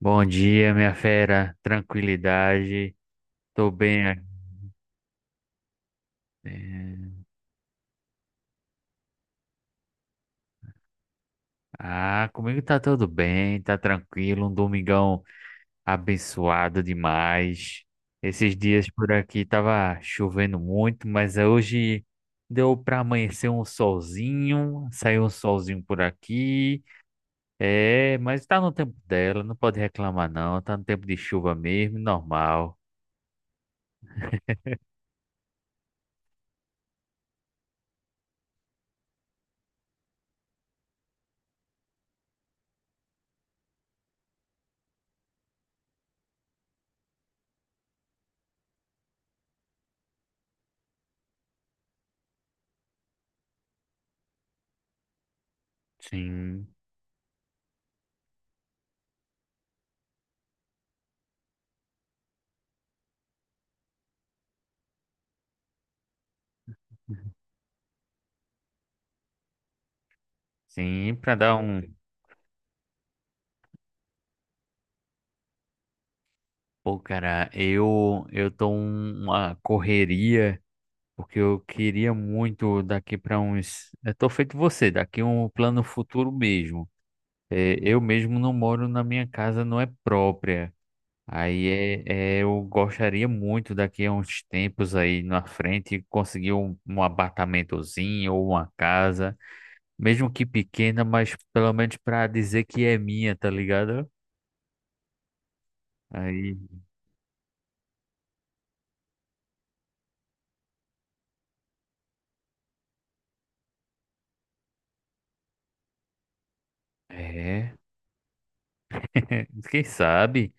Bom dia, minha fera. Tranquilidade. Tô bem aqui. Ah, comigo tá tudo bem, tá tranquilo. Um domingão abençoado demais. Esses dias por aqui tava chovendo muito, mas hoje deu pra amanhecer um solzinho. Saiu um solzinho por aqui. É, mas tá no tempo dela, não pode reclamar não. Tá no tempo de chuva mesmo, normal. Sim, sim, pra dar um. Pô, cara, eu tô uma correria, porque eu queria muito daqui para uns. Eu tô feito você, daqui um plano futuro mesmo. É, eu mesmo não moro na minha casa, não é própria. Aí é, eu gostaria muito daqui a uns tempos aí na frente conseguir um apartamentozinho ou uma casa, mesmo que pequena, mas pelo menos para dizer que é minha, tá ligado? Aí, é, quem sabe?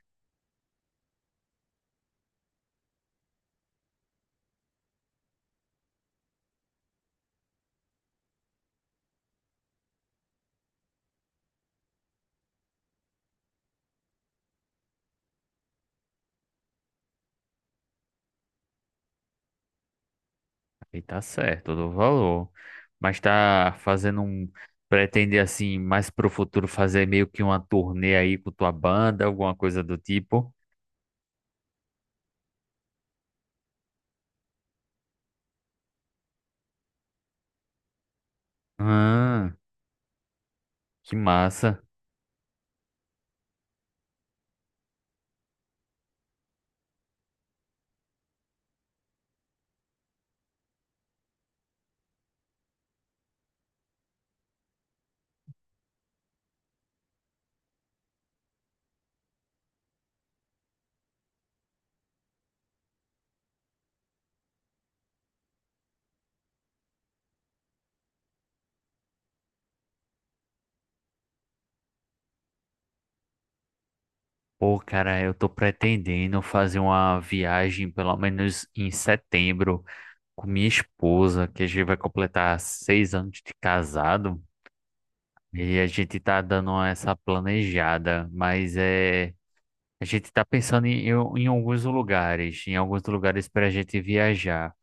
E tá certo, eu dou valor. Mas tá fazendo um. Pretende, assim, mais pro futuro fazer meio que uma turnê aí com tua banda, alguma coisa do tipo? Ah, que massa. Pô, cara, eu tô pretendendo fazer uma viagem, pelo menos em setembro, com minha esposa, que a gente vai completar 6 anos de casado. E a gente tá dando essa planejada, mas é. A gente está pensando em alguns lugares, em alguns lugares para a gente viajar.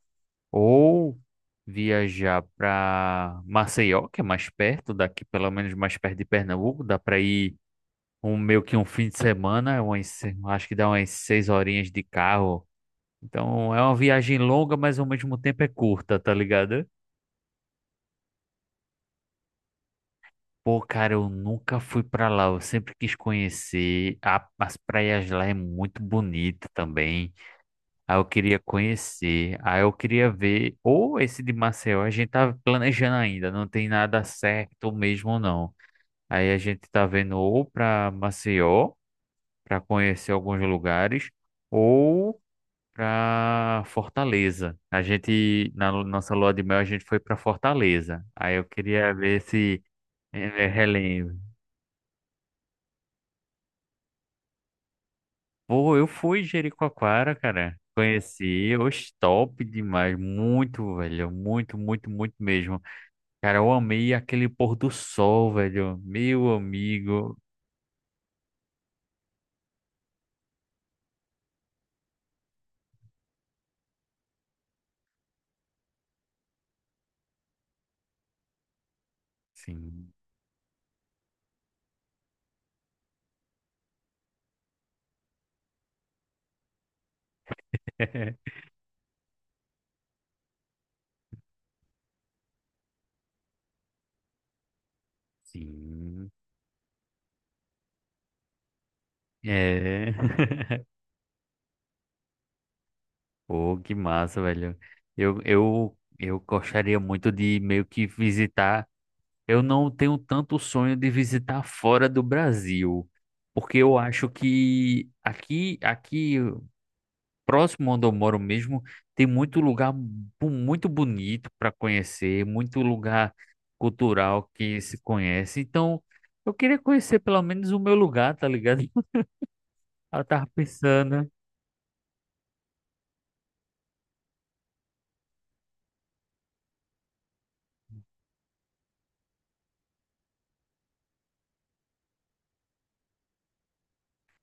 Ou viajar para Maceió, que é mais perto daqui, pelo menos mais perto de Pernambuco. Dá para ir um, meio que um fim de semana, umas, acho que dá umas 6 horinhas de carro. Então é uma viagem longa, mas ao mesmo tempo é curta, tá ligado? Pô, cara, eu nunca fui pra lá, eu sempre quis conhecer. As praias lá é muito bonita também. Aí eu queria conhecer, aí eu queria ver, ou esse de Maceió, a gente tá planejando ainda, não tem nada certo mesmo não. Aí a gente tá vendo ou para Maceió, para conhecer alguns lugares, ou para Fortaleza. A gente na nossa lua de mel a gente foi para Fortaleza. Aí eu queria ver se relembro. Pô, eu fui em Jericoacoara, cara. Conheci, oxe, top demais, muito, velho, muito, muito, muito mesmo. Cara, eu amei aquele pôr do sol, velho. Meu amigo. Sim. Sim. É. Pô, que massa, velho. Eu gostaria muito de meio que visitar. Eu não tenho tanto sonho de visitar fora do Brasil, porque eu acho que aqui próximo onde eu moro mesmo, tem muito lugar muito bonito para conhecer, muito lugar cultural que se conhece. Então, eu queria conhecer pelo menos o meu lugar, tá ligado? Eu tava pensando.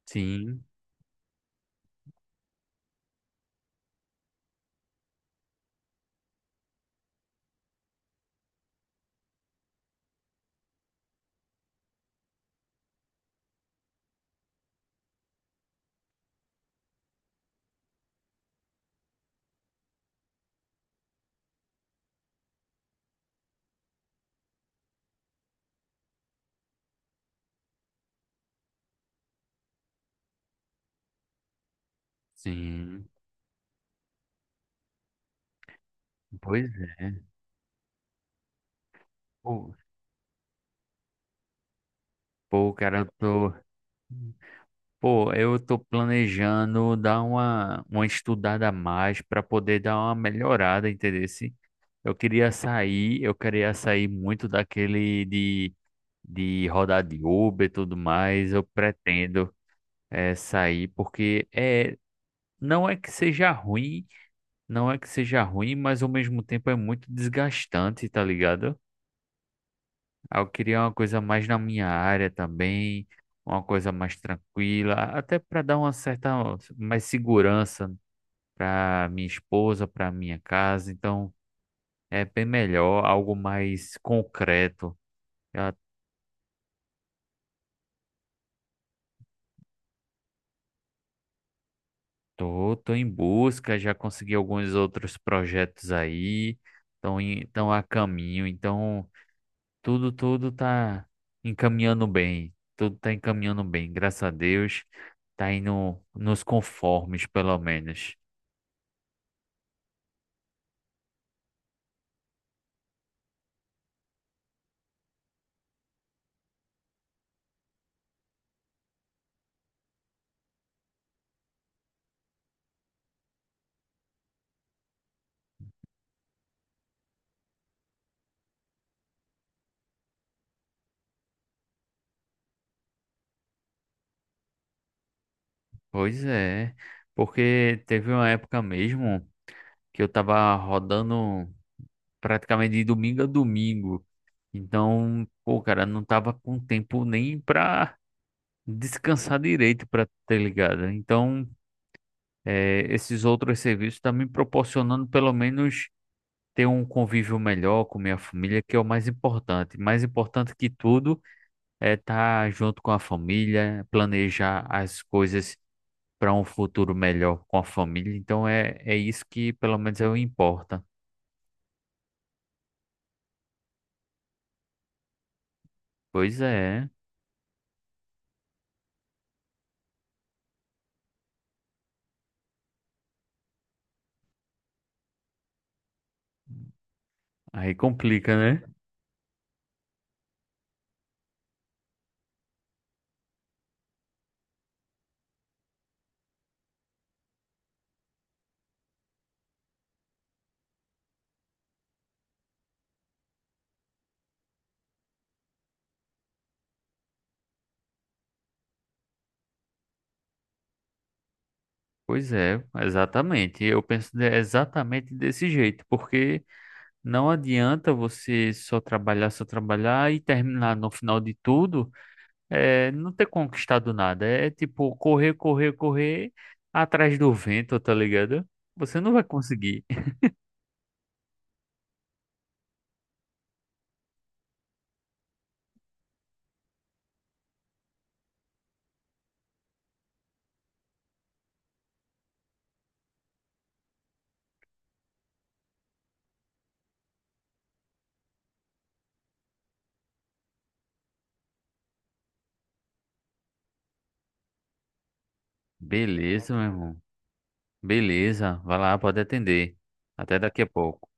Sim, sim. Pois é. Pô, pô, cara, eu tô. Pô, eu tô planejando dar uma estudada a mais para poder dar uma melhorada, entendeu? Eu queria sair muito daquele de rodar de Uber e tudo mais, eu pretendo sair, porque é, não é que seja ruim, não é que seja ruim, mas ao mesmo tempo é muito desgastante, tá ligado? Aí, eu queria uma coisa mais na minha área também, uma coisa mais tranquila, até para dar uma certa mais segurança para minha esposa, para minha casa, então é bem melhor, algo mais concreto. Tô, tô em busca, já consegui alguns outros projetos aí, estão a caminho, então tudo, tudo tá encaminhando bem, tudo tá encaminhando bem, graças a Deus, tá indo nos conformes, pelo menos. Pois é, porque teve uma época mesmo que eu tava rodando praticamente de domingo a domingo, então, pô, cara, não tava com tempo nem pra descansar direito, pra ter ligado, então. Esses outros serviços estão me proporcionando pelo menos ter um convívio melhor com minha família, que é o mais importante. Mais importante que tudo é estar junto com a família, planejar as coisas para um futuro melhor com a família. Então é, é isso que pelo menos eu importa. Pois é, aí complica, né? Pois é, exatamente. Eu penso exatamente desse jeito, porque não adianta você só trabalhar e terminar no final de tudo, é, não ter conquistado nada. É tipo correr, correr, correr atrás do vento, tá ligado? Você não vai conseguir. Beleza, meu irmão. Beleza. Vai lá, pode atender. Até daqui a pouco.